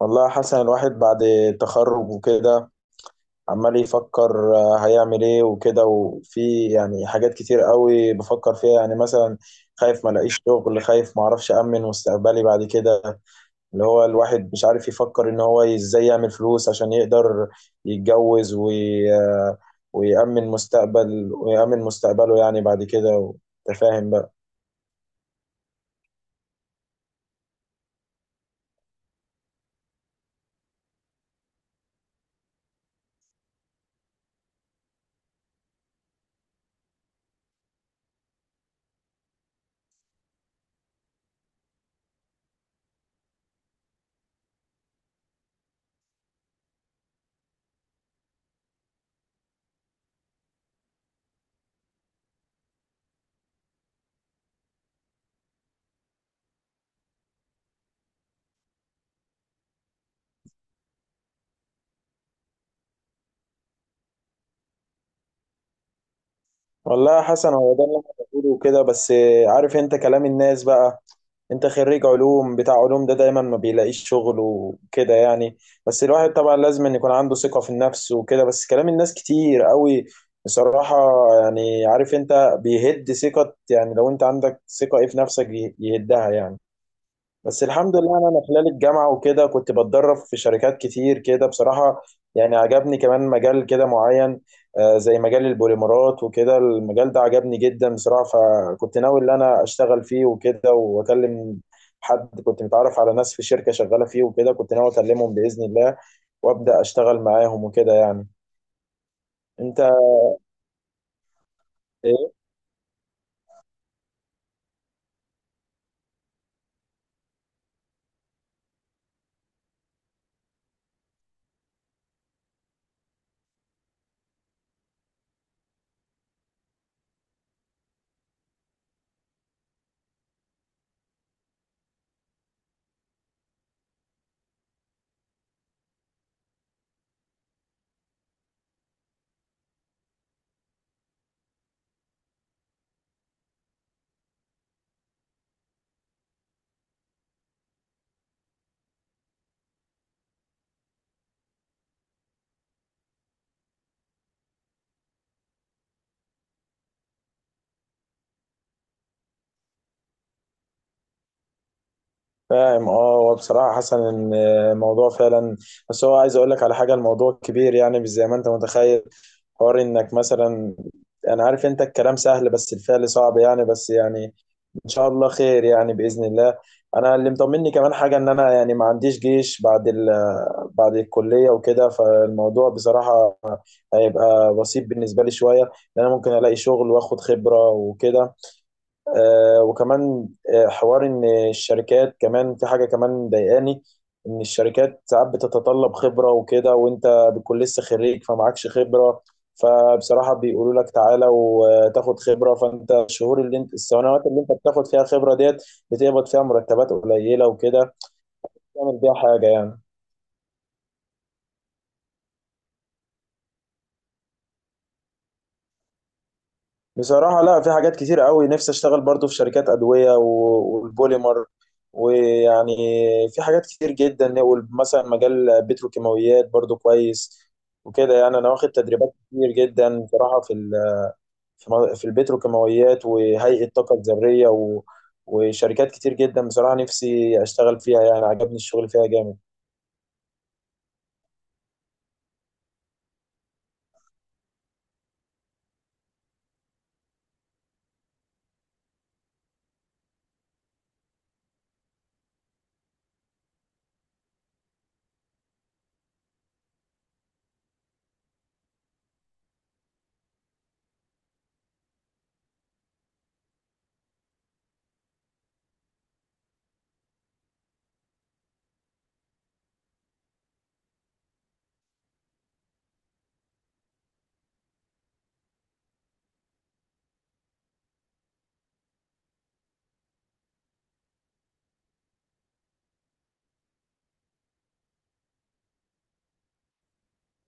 والله يا حسن، الواحد بعد التخرج وكده عمال يفكر هيعمل ايه وكده، وفي يعني حاجات كتير قوي بفكر فيها، يعني مثلا خايف ما الاقيش شغل، خايف ما اعرفش امن مستقبلي بعد كده. اللي هو الواحد مش عارف يفكر ان هو ازاي يعمل فلوس عشان يقدر يتجوز وي... آه، ويأمن مستقبله يعني بعد كده. انت فاهم بقى؟ والله يا حسن، هو ده اللي انا بقوله كده، بس عارف انت كلام الناس بقى. انت خريج علوم، بتاع علوم ده دايما ما بيلاقيش شغل وكده يعني. بس الواحد طبعا لازم ان يكون عنده ثقة في النفس وكده، بس كلام الناس كتير قوي بصراحة. يعني عارف انت بيهد ثقة، يعني لو انت عندك ثقة ايه في نفسك يهدها يعني. بس الحمد لله أنا خلال الجامعه وكده كنت بتدرب في شركات كتير كده بصراحه. يعني عجبني كمان مجال كده معين، زي مجال البوليمرات وكده، المجال ده عجبني جدا بصراحه، فكنت ناوي ان انا اشتغل فيه وكده واكلم حد. كنت متعرف على ناس في شركه شغاله فيه وكده، كنت ناوي اكلمهم باذن الله وابدا اشتغل معاهم وكده يعني. انت. إيه. فاهم. اه، هو بصراحة حسن ان الموضوع فعلا، بس هو عايز اقول لك على حاجة، الموضوع كبير يعني مش زي ما انت متخيل. حوار انك مثلا، انا عارف انت الكلام سهل بس الفعل صعب يعني، بس يعني ان شاء الله خير يعني باذن الله. انا اللي مطمني كمان حاجة ان انا يعني ما عنديش جيش بعد ال... بعد الكلية وكده، فالموضوع بصراحة هيبقى بسيط بالنسبة لي شوية، لان انا ممكن الاقي شغل واخد خبرة وكده. وكمان حوار ان الشركات كمان في حاجه كمان ضايقاني، ان الشركات ساعات بتتطلب خبره وكده وانت بتكون لسه خريج فمعكش خبره، فبصراحه بيقولوا لك تعالى وتاخد خبره. فانت الشهور اللي انت، السنوات اللي انت بتاخد فيها خبره ديت بتقبض فيها مرتبات قليله وكده تعمل بيها حاجه يعني. بصراحة لا، في حاجات كتير قوي نفسي اشتغل برضو في شركات أدوية والبوليمر، ويعني في حاجات كتير جدا. مثلا مجال بتروكيماويات برضو كويس وكده يعني. انا واخد تدريبات كتير جدا بصراحة في ال- في مو- في البتروكيماويات وهيئة الطاقة الذرية وشركات كتير جدا بصراحة نفسي اشتغل فيها، يعني عجبني الشغل فيها جامد.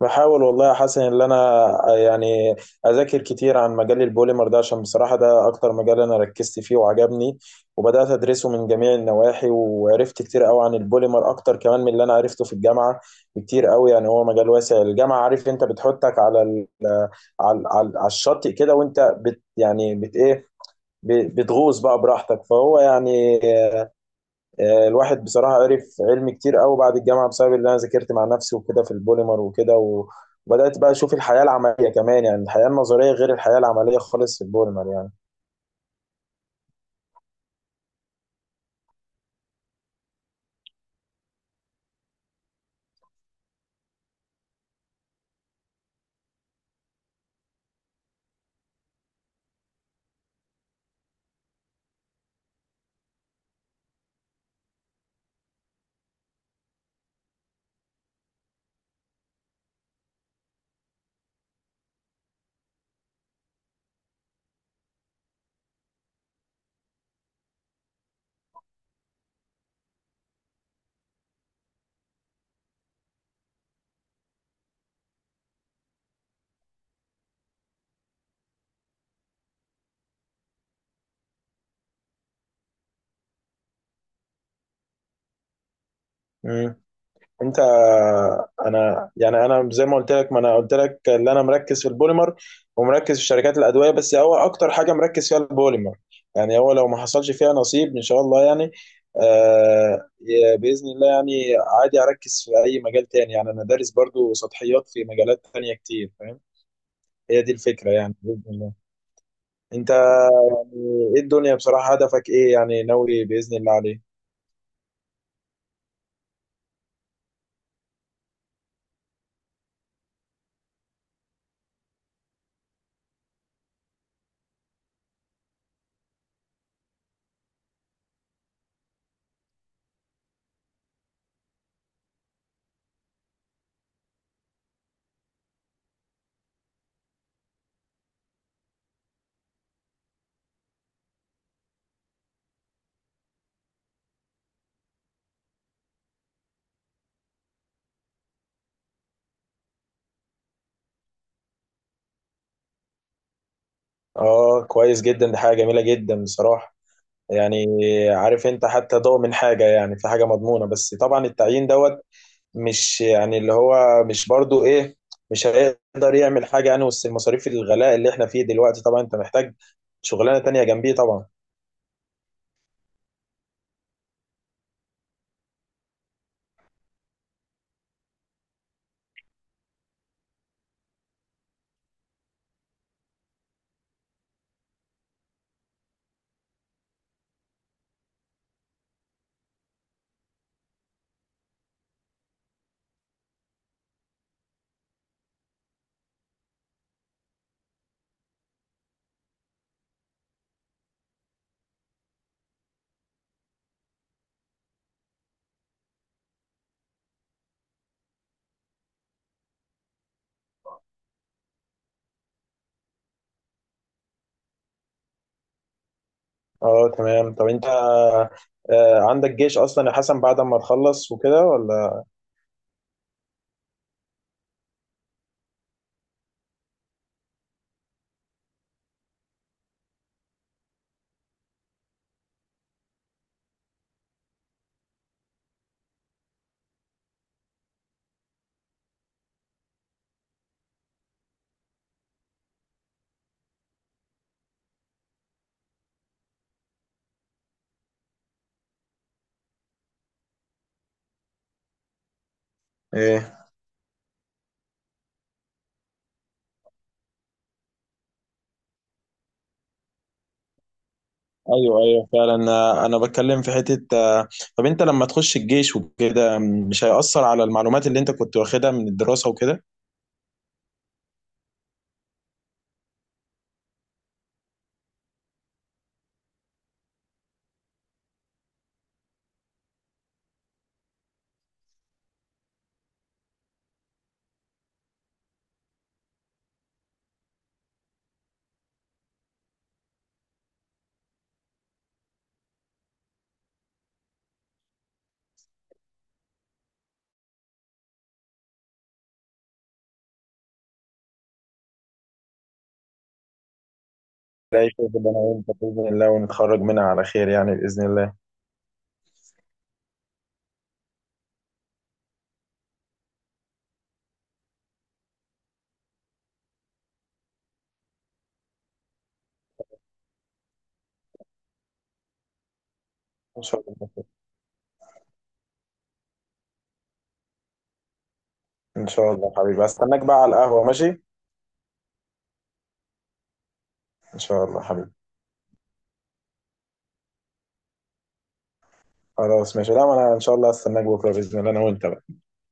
بحاول والله يا حسن ان انا يعني اذاكر كتير عن مجال البوليمر ده، عشان بصراحه ده اكتر مجال انا ركزت فيه وعجبني. وبدات ادرسه من جميع النواحي وعرفت كتير قوي عن البوليمر، اكتر كمان من اللي انا عرفته في الجامعه بكتير قوي. يعني هو مجال واسع، الجامعه عارف انت بتحطك على ال على على على الشاطئ كده، وانت بت يعني بت ايه ب- بتغوص بقى براحتك، فهو يعني الواحد بصراحة عرف علم كتير قوي بعد الجامعة بسبب اللي أنا ذاكرت مع نفسي وكده في البوليمر وكده وبدأت بقى أشوف الحياة العملية كمان. يعني الحياة النظرية غير الحياة العملية خالص في البوليمر يعني. مم. انت. انا زي ما قلت لك، ما انا قلت لك ان انا مركز في البوليمر ومركز في شركات الادويه، بس هو اكتر حاجه مركز فيها البوليمر. يعني هو لو ما حصلش فيها نصيب ان شاء الله يعني، باذن الله يعني، عادي اركز في اي مجال تاني. يعني انا دارس برضو سطحيات في مجالات تانية كتير، فاهم. هي دي الفكره يعني باذن الله. انت. يعني ايه الدنيا بصراحه؟ هدفك ايه يعني، ناوي باذن الله عليه؟ اه، كويس جدا، دي حاجه جميله جدا بصراحه. يعني عارف انت، حتى ضوء من حاجة يعني، في حاجة مضمونة. بس طبعا التعيين دوت مش يعني اللي هو مش برضو ايه، مش هيقدر يعمل حاجة يعني وسط المصاريف الغلاء اللي احنا فيه دلوقتي. طبعا انت محتاج شغلانة تانية جنبيه طبعا. اه تمام. طب انت عندك جيش اصلا يا حسن بعد ما تخلص وكده ولا ايه؟ ايوه، ايوه، فعلا. انا بتكلم في حتة. طب انت لما تخش الجيش وكده مش هيأثر على المعلومات اللي انت كنت واخدها من الدراسة وكده؟ لاقي شغل اللي انا وانت باذن الله، ونتخرج منها على خير يعني باذن الله. ان شاء الله. ان شاء الله حبيبي، استناك بقى على القهوه ماشي. ان شاء الله حبيبي. خلاص ماشي. لا، ما انا ان شاء الله استناك بكره باذن الله، انا وانت بقى.